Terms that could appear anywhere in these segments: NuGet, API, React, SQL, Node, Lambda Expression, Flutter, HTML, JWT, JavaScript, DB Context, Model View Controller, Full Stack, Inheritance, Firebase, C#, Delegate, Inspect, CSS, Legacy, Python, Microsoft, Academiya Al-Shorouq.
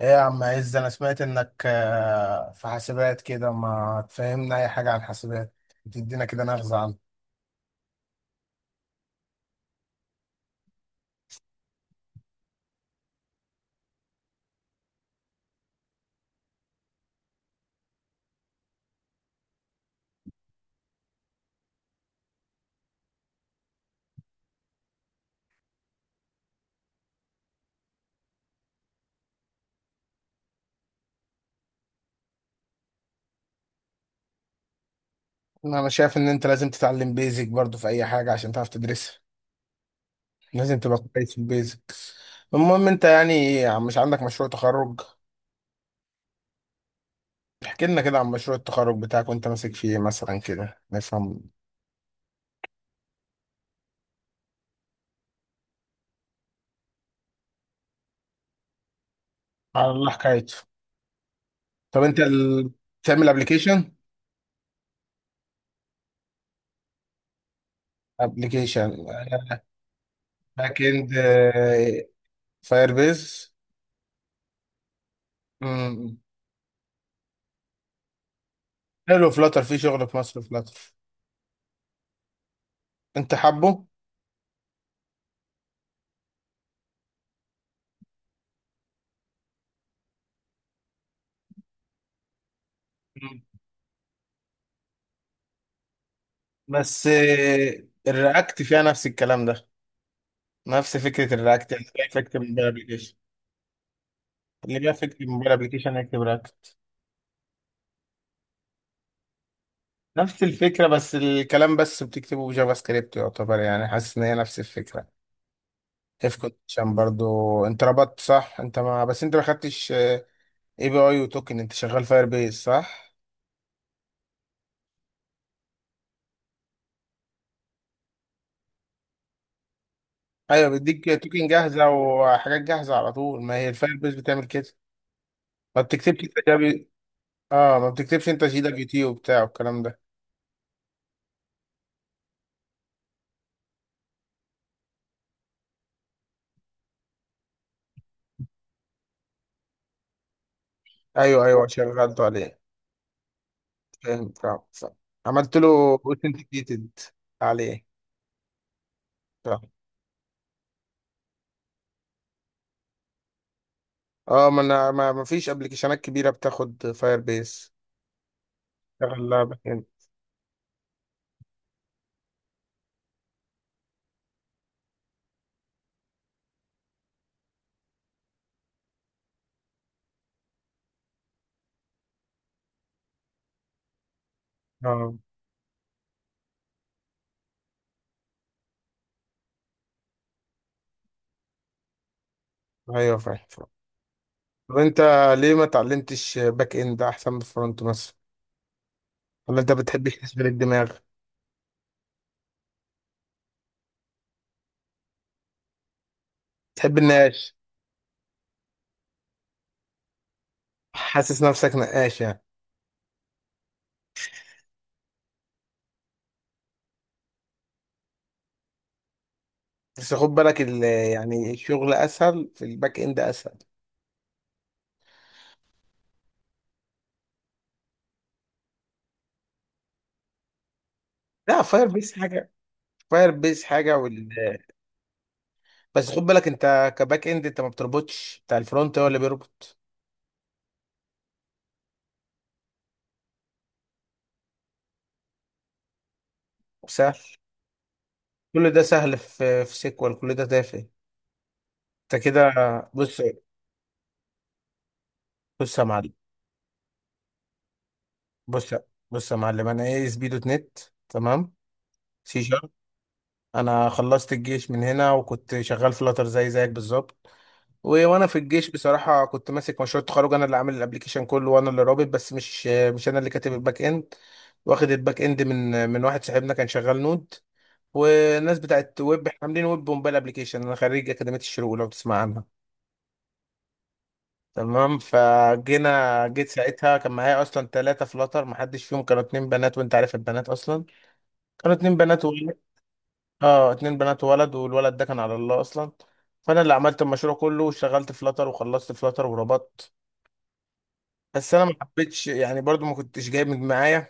ايه يا عم عز، انا سمعت انك في حاسبات كده، ما تفهمنا اي حاجه عن حاسبات، تدينا كده نغزه عنها. ما انا شايف ان انت لازم تتعلم بيزك برضو في اي حاجه عشان تعرف تدرسها، لازم تبقى كويس في البيزك. المهم انت يعني مش عندك مشروع تخرج؟ احكي لنا كده عن مشروع التخرج بتاعك وانت ماسك فيه مثلا كده نفهم. على الله حكايته. طب انت بتعمل ابلكيشن؟ ابلكيشن. باك اند فاير بيز. حلو، فلاتر في شغل في مصر، فلاتر. انت حابه؟ مم. بس الرياكت فيها نفس الكلام ده، نفس فكرة الرياكت، يعني كيف اكتب موبايل ابلكيشن؟ اللي بيعرف يكتب موبايل ابلكيشن يكتب رياكت. نفس الفكرة بس الكلام بس بتكتبه بجافا سكريبت، يعتبر يعني حاسس ان هي نفس الفكرة. اف كونديشن برضو، انت ربطت صح، انت ما خدتش اي بي اي وتوكن، انت شغال فاير بيز صح؟ ايوه، بيديك توكن جاهزة وحاجات جاهزة على طول، ما هي الفاير بيز بتعمل كده، ما بتكتبش انت. اه، ما بتكتبش انت شيدك جي دبليو تي وبتاع والكلام ده. ايوه ايوه، عشان غلطوا عليه. فاهم فاهم فاهم. عملت له اوثنتيكيتد عليه. فاهم. اه، ما انا ما فيش ابلكيشنات كبيره بتاخد فاير بيس، شغل لها باك اند. اه، ايوه، فاهم فاهم. طب انت ليه ما اتعلمتش باك اند احسن من فرونت مثلا؟ ولا انت بتحبش تشغل الدماغ؟ تحب النقاش. حاسس نفسك نقاش يعني؟ بس خد بالك يعني الشغل اسهل، في الباك اند اسهل. لا، فاير بيس حاجه، فاير بيس حاجه بس خد بالك انت كباك اند انت ما بتربطش، بتاع الفرونت هو اللي بيربط. سهل، كل ده سهل، في سيكوال كل ده تافه. انت كده، بص، بص يا معلم، بص بص يا معلم، انا ايه اس بي دوت نت، تمام، سي شارب. انا خلصت الجيش من هنا، وكنت شغال في لاتر زي زيك بالظبط. وانا في الجيش بصراحه كنت ماسك مشروع التخرج، انا اللي عامل الابليكيشن كله وانا اللي رابط بس، مش انا اللي كاتب الباك اند. واخد الباك اند من واحد صاحبنا كان شغال نود، والناس بتاعت ويب احنا عاملين ويب وموبايل ابليكيشن. انا خريج اكاديميه الشروق لو تسمع عنها. تمام، فجينا جيت ساعتها، كان معايا اصلا ثلاثه فلاتر ما حدش فيهم، كانوا اتنين بنات، وانت عارف البنات اصلا، كانوا اتنين بنات وولد. اه، اتنين بنات وولد، والولد ده كان على الله اصلا، فانا اللي عملت المشروع كله وشغلت فلاتر وخلصت فلاتر وربطت. بس انا ما حبيتش يعني، برضو ما كنتش جايب من معايا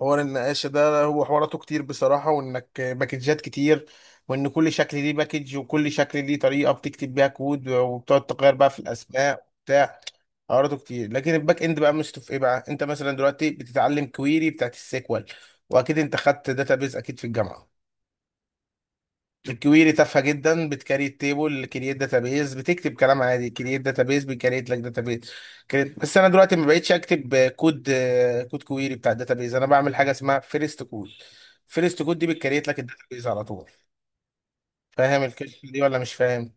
حوار النقاشه ده، هو حواراته كتير بصراحه، وانك باكجات كتير، وان كل شكل ليه باكج وكل شكل ليه طريقه بتكتب بيها كود، وبتقعد تغير بقى في الاسماء وبتاع، حواراته كتير. لكن الباك اند بقى مشته في ايه بقى، انت مثلا دلوقتي بتتعلم كويري بتاعت السيكوال، واكيد انت خدت داتابيز اكيد في الجامعه. الكويري تافهه جدا، بتكريت تيبل، كرييت داتابيز، بتكتب كلام عادي كرييت داتابيز، بيكريت لك داتابيز كرييت. بس انا دلوقتي ما بقتش اكتب كود، كود كويري بتاع الداتابيز، انا بعمل حاجه اسمها فيرست كود. فيرست كود دي بتكريت لك الداتابيز على طول. فاهم الكلمه دي ولا مش فاهم؟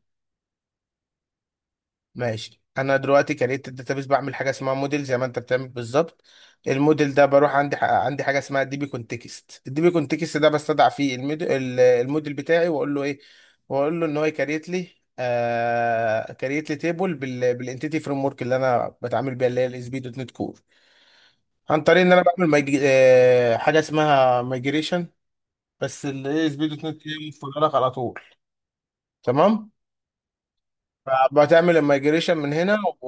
ماشي. انا دلوقتي كريت الداتابيس، بعمل حاجه اسمها موديل زي ما انت بتعمل بالظبط. الموديل ده بروح عندي، عندي حاجه اسمها دي بي كونتكست، الدي بي كونتكست ده بستدعى فيه الموديل بتاعي، واقول له ايه، واقول له ان هو يكريت لي، كريت لي تيبل، بالانتيتي فريم ورك اللي انا بتعامل بيها، اللي هي الاس بي دوت نت كور، عن طريق ان انا بعمل ميج... آه حاجه اسمها مايجريشن. بس الاس بي دوت نت متفرغ على طول. تمام. بتعمل الميجريشن من هنا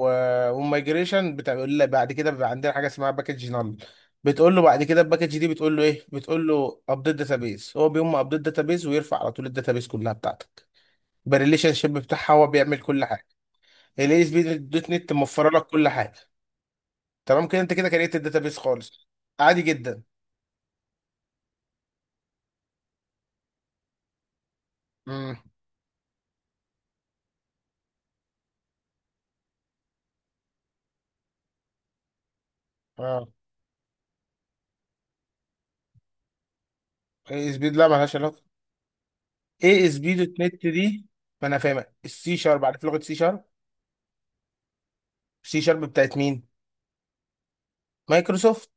والميجريشن بتقول له بعد كده بيبقى عندنا حاجه اسمها باكج نال، بتقول له بعد كده الباكج دي بتقول له ايه، بتقول له ابديت داتابيس. هو بيقوم ابديت داتابيس ويرفع على طول الداتابيس كلها بتاعتك بالريليشن شيب بتاعها، هو بيعمل كل حاجه. الاي اس بي دوت نت موفره لك كل حاجه. تمام كده، انت كده كريت الداتابيس خالص، عادي جدا. امم. اه، اي اس بي لا مالهاش علاقه، اي اس بي دوت نت دي، ما انا فاهمك. السي شارب، عارف لغه سي شارب؟ سي شارب بتاعت مين؟ مايكروسوفت.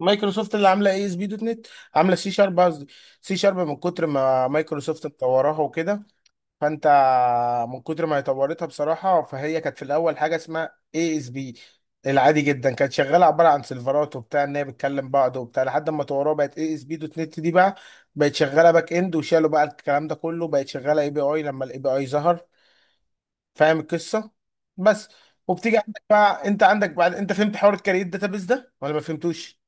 مايكروسوفت اللي عامله اي اس بي دوت نت، عامله سي شارب قصدي. سي شارب من كتر ما مايكروسوفت مطوراها وكده، فانت، من كتر ما هي طورتها بصراحه. فهي كانت في الاول حاجه اسمها اي اس بي العادي جدا، كانت شغاله عباره عن سيرفرات وبتاع، ان هي بتكلم بعض وبتاع، لحد ما طوروها بقت اي اس بي دوت نت دي بقى، بقت شغاله باك اند، وشالوا بقى الكلام ده كله، بقت شغاله اي بي اي لما الاي بي اي ظهر. فاهم القصه؟ بس. وبتيجي عندك بقى، انت عندك بعد انت فهمت حوار الكارير داتابيز ده ولا ما فهمتوش؟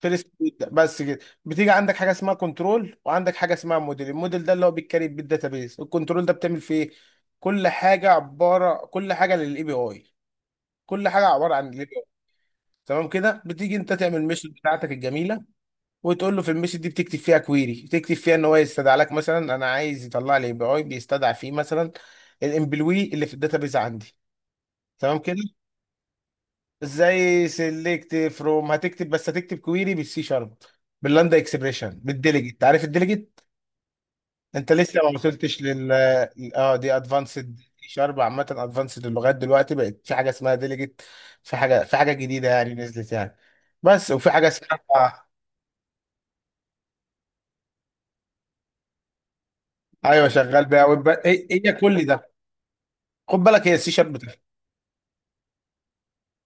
فيرست بيت بس كده. بتيجي عندك حاجه اسمها كنترول، وعندك حاجه اسمها موديل. الموديل ده اللي هو بيتكريت بالداتابيز، الكنترول ده بتعمل فيه ايه؟ كل حاجه عباره كل حاجه للاي بي اي كل حاجه عباره عن الاي بي اي. تمام كده. بتيجي انت تعمل الميثود بتاعتك الجميله، وتقول له في الميثود دي بتكتب فيها كويري، تكتب فيها ان هو يستدعى لك مثلا، انا عايز يطلع لي اي بي اي بيستدعى فيه مثلا الامبلوي اللي في الداتابيز عندي. تمام كده. زي سيلكت فروم، هتكتب بس هتكتب كويري بالسي شارب، باللاندا اكسبريشن، بالديليجيت، عارف الديليجيت؟ انت لسه ما وصلتش لل. اه، دي ادفانسد سي شارب عامه، ادفانسد. اللغات دلوقتي بقت في حاجه اسمها ديليجيت، في حاجه جديده يعني، نزلت يعني، بس. وفي حاجه اسمها، ايوه، شغال بيها، هي هي كل ده. خد بالك هي السي شارب،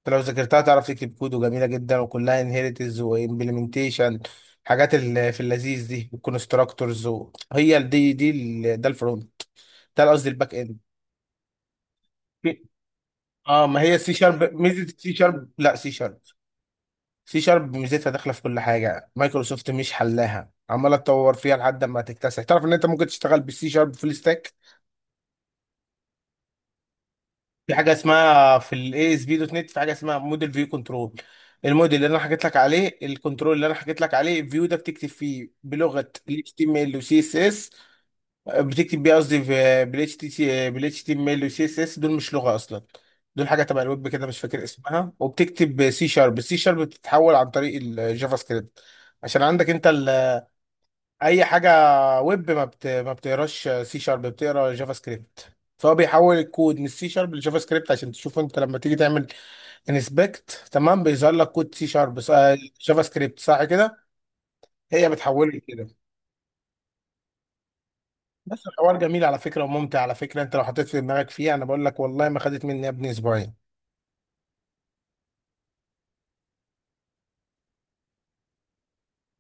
انت لو ذاكرتها تعرف تكتب كود، وجميله جدا، وكلها انهيرتنس وامبلمنتيشن، حاجات اللي في اللذيذ دي والكونستراكتورز. هي ال- دي دي ال- ده الفرونت، ده قصدي الباك اند. في- اه، ما هي السي شارب، ميزه السي شارب، لا، سي شارب، سي شارب ميزتها داخله في كل حاجه، مايكروسوفت مش حلاها عماله تطور فيها لحد ما تكتسح، تعرف ان انت ممكن تشتغل بالسي شارب فول ستاك. في حاجه اسمها في الاي اس بي دوت نت، في حاجه اسمها موديل فيو كنترول. الموديل اللي انا حكيت لك عليه، الكنترول اللي انا حكيت لك عليه، الفيو ده بتكتب فيه بلغه ال HTML و CSS، بتكتب بيه قصدي في بال HTML و CSS، دول مش لغه اصلا، دول حاجه تبع الويب كده مش فاكر اسمها. وبتكتب سي شارب، السي شارب بتتحول عن طريق الجافا سكريبت عشان عندك انت اي حاجه ويب ما بتقراش سي شارب، بتقرا جافا سكريبت. فهو بيحول الكود من السي شارب لجافا سكريبت، عشان تشوف انت لما تيجي تعمل انسبكت، تمام، بيظهر لك كود سي شارب، جافا سكريبت صح كده، هي بتحوله كده. بس الحوار جميل على فكره وممتع على فكره، انت لو حطيت في دماغك فيه، انا بقول لك والله ما خدت مني يا ابني اسبوعين.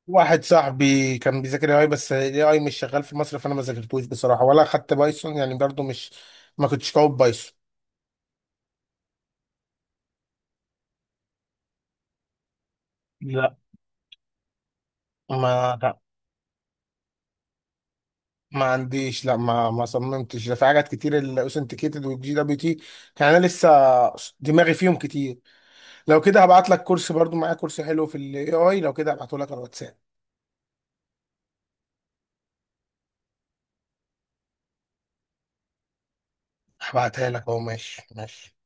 واحد صاحبي كان بيذاكر اي، بس الاي اي مش شغال في مصر فانا ما ذاكرتوش بصراحه، ولا خدت بايثون يعني برضو مش، ما كنتش قوي بايثون. لا. ما لا. ما عنديش، لا، ما صممتش ده، في حاجات كتير، الاوثنتيكيتد والجي دبليو تي، يعني انا لسه دماغي فيهم كتير. لو كده هبعت لك كورس، برضو معايا كورس حلو في الاي اي، لو كده هبعته لك على الواتساب. هبعتها لك اهو. ماشي ماشي.